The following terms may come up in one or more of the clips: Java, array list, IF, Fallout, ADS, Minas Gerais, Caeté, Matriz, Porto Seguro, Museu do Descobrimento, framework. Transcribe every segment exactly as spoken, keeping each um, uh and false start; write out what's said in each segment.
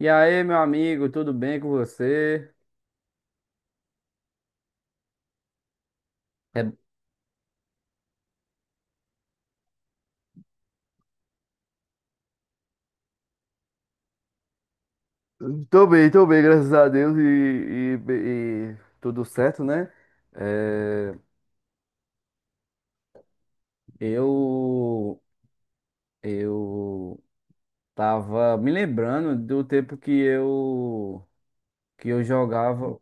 E aí, meu amigo, tudo bem com você? É, Tô bem, tô bem, graças a Deus e, e- e tudo certo, né? é, eu eu tava me lembrando do tempo que eu que eu jogava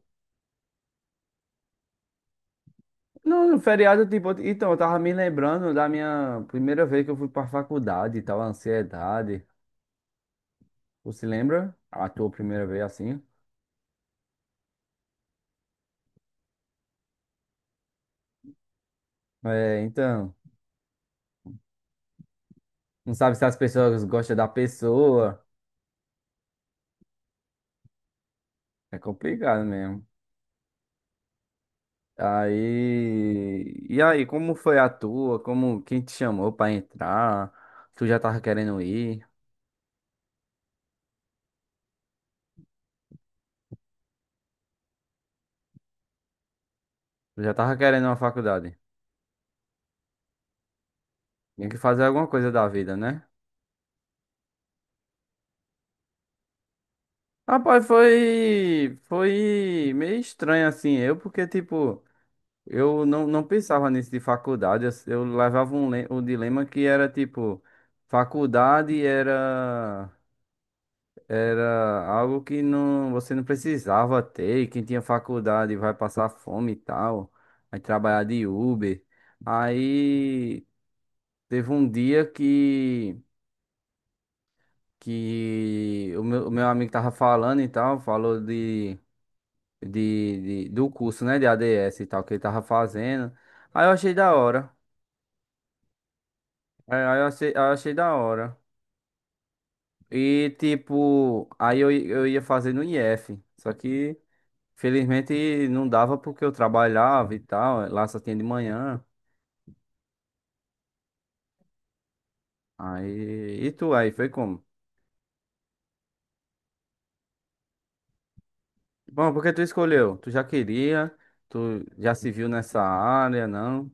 no no feriado. Tipo, então eu tava me lembrando da minha primeira vez que eu fui pra faculdade, e tal, a ansiedade. Você se lembra? A tua primeira vez assim? É, então, não sabe se as pessoas gostam da pessoa. É complicado mesmo. Aí, e aí, como foi a tua? Como, quem te chamou pra entrar? Tu já tava querendo ir? Tu já tava querendo uma faculdade? Tinha que fazer alguma coisa da vida, né? Rapaz, foi foi meio estranho assim. Eu porque tipo, eu não, não pensava nisso de faculdade. Eu, eu levava um le- um dilema que era tipo, faculdade era. Era algo que não, você não precisava ter. e Quem tinha faculdade vai passar fome e tal. Vai trabalhar de Uber. Aí teve um dia que, que o meu, o meu amigo tava falando e tal, falou de, de, de- do curso, né, de A D S e tal, que ele tava fazendo. Aí eu achei da hora. Aí aí eu achei, aí eu achei da hora. E tipo, aí eu, i- eu ia fazer no I F. Só que, felizmente não dava porque eu trabalhava e tal, lá só tinha de manhã. Aí, e tu aí, foi como? Bom, porque tu escolheu? Tu já queria, tu já se viu nessa área, não?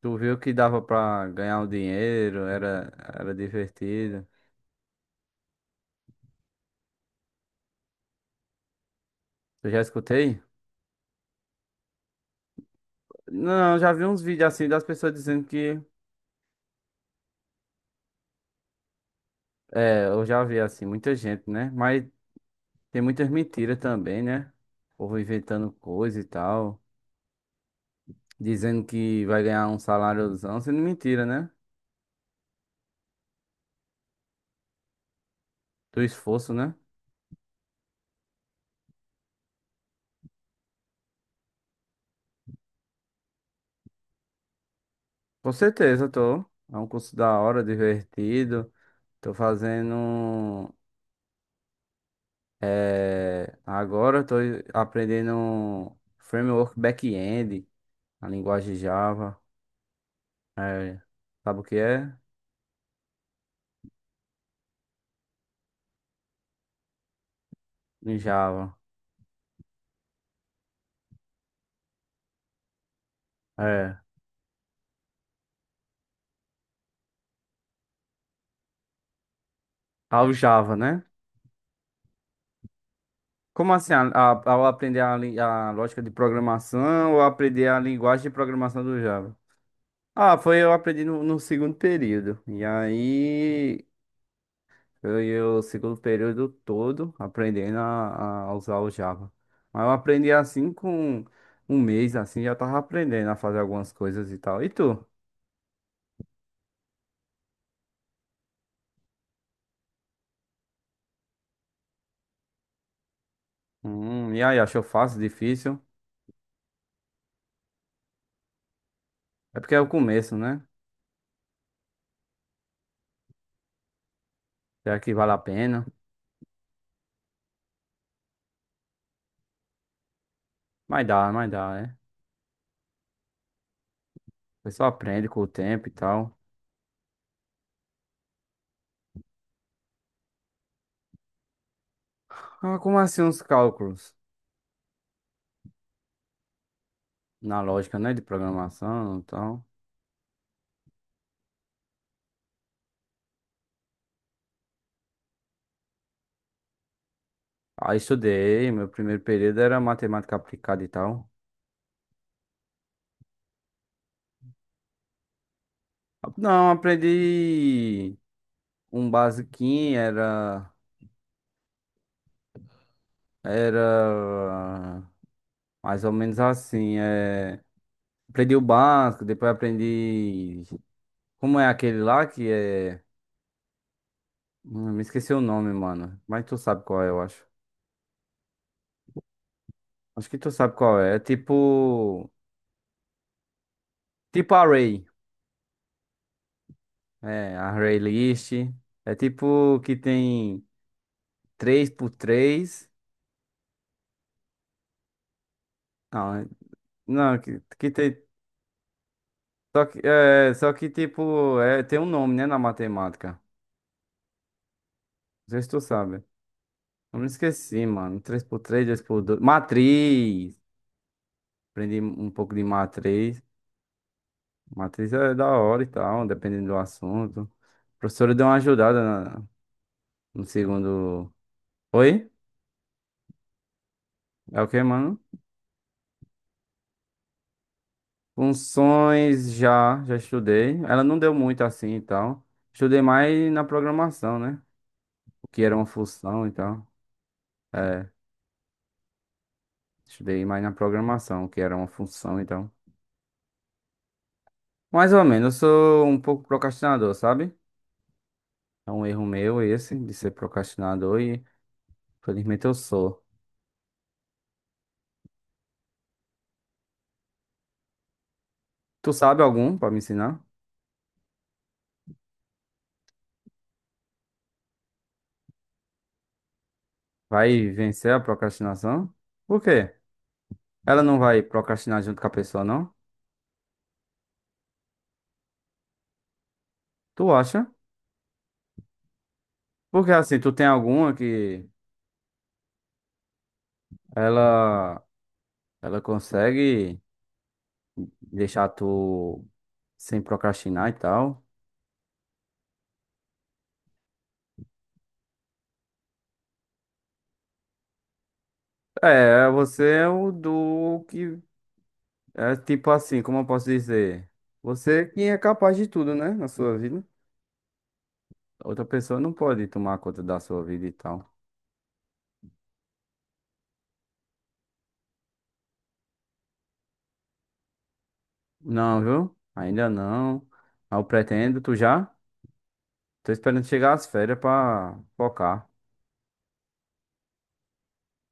Tu viu que dava pra ganhar um dinheiro, era, era divertido. Tu já escutei? Não, já vi uns vídeos assim das pessoas dizendo que, é, eu já vi assim, muita gente, né? Mas tem muitas mentiras também, né? O povo inventando coisa e tal. Dizendo que vai ganhar um saláriozão, sendo mentira, né? Do esforço, né? Com certeza, tô. É um curso da hora, divertido. Tô fazendo. É... Agora tô aprendendo framework back-end, a linguagem Java. É... Sabe o que é? Em Java. É. Ao Java, né? Como assim? A- a- Ao aprender a, li- a lógica de programação ou aprender a linguagem de programação do Java? Ah, foi, eu aprendi no, no segundo período. E aí foi o segundo período todo aprendendo a, a usar o Java. Mas eu aprendi assim com um mês, assim, já tava aprendendo a fazer algumas coisas e tal. E tu? Hum, e aí, achou fácil, difícil? É porque é o começo, né? Será que vale a pena? Mas dá, mas dá, né? Você só aprende com o tempo e tal. Ah, como assim uns cálculos? Na lógica, né? De programação e tal. Ah, estudei. Meu primeiro período era matemática aplicada e tal. Não, aprendi um basiquinho, era, era mais ou menos assim. É, aprendi o básico, depois aprendi. Como é aquele lá que é. Hum, Me esqueci o nome, mano. Mas tu sabe qual é, eu acho. Acho que tu sabe qual é. É tipo. Tipo array. É, array list. É tipo que tem três por três. Não, é- não, que, que tem. Só que, é, só que tipo, é, tem um nome, né, na matemática. Não sei se tu sabe. Eu me esqueci, mano. Três por três, dois por dois. Matriz! Aprendi um pouco de matriz. Matriz é da hora e tal, dependendo do assunto. A professora deu uma ajudada na- no segundo. Oi? É o que, mano? Funções já, já estudei. Ela não deu muito assim e tal. Estudei mais na programação, né? O que era uma função e tal. É, estudei mais na programação, o que era uma função e tal. Mais ou menos, eu sou um pouco procrastinador, sabe? É um erro meu esse, de ser procrastinador e felizmente eu sou. Tu sabe algum pra me ensinar? Vai vencer a procrastinação? Por quê? Ela não vai procrastinar junto com a pessoa, não? Tu acha? Porque assim, tu tem alguma que ela ela consegue deixar tu sem procrastinar e tal? É, você é o do que é tipo assim, como eu posso dizer? Você que é capaz de tudo, né, na sua vida. Outra pessoa não pode tomar conta da sua vida e tal. Não, viu? Ainda não. Ah, eu pretendo, tu já? Tô esperando chegar as férias pra focar.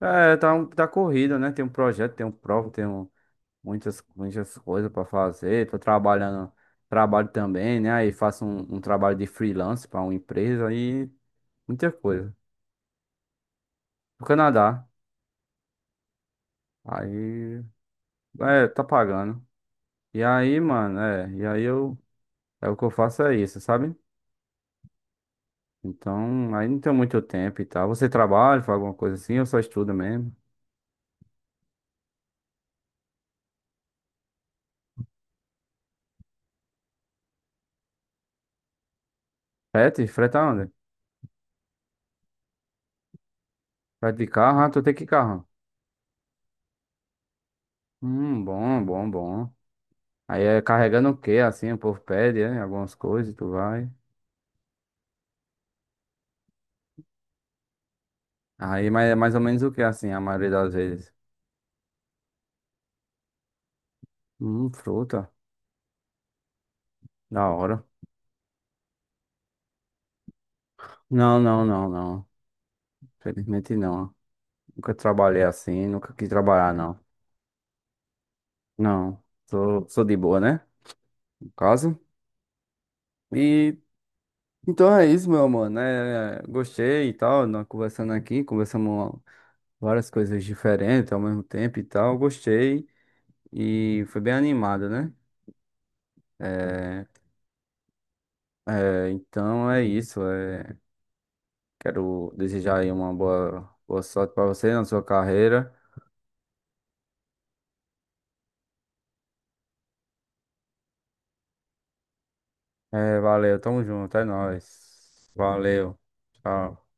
É, tá, um- tá corrido, né? Tem um projeto, tem um prova, tem um- muitas, muitas coisas pra fazer. Tô trabalhando, trabalho também, né? Aí faço um, um trabalho de freelance pra uma empresa e muita coisa. No Canadá. Aí, é, tá pagando. E aí, mano, é, e aí eu, é o que eu faço é isso, sabe? Então, aí não tem muito tempo e tal. Você trabalha, faz alguma coisa assim, ou só estuda mesmo? Frete? Freta onde? Frete de carro? Ah, tu tem que carro? Hum, bom, bom, bom. Aí é carregando o quê, assim, o povo pede, é, algumas coisas, tu vai. Aí, mas é mais ou menos o que, assim, a maioria das vezes? Hum, fruta, da hora. Não, não, não, não. Felizmente não. Nunca trabalhei assim, nunca quis trabalhar, não. Não, sou, sou de boa, né? No caso. E então é isso, meu mano. É, gostei e tal, nós conversando aqui, conversamos várias coisas diferentes ao mesmo tempo e tal. Gostei e foi bem animado, né? É, é, então é isso. é, quero desejar aí uma boa, boa sorte pra você na sua carreira. É, valeu, tamo junto, é nóis. Valeu, tchau.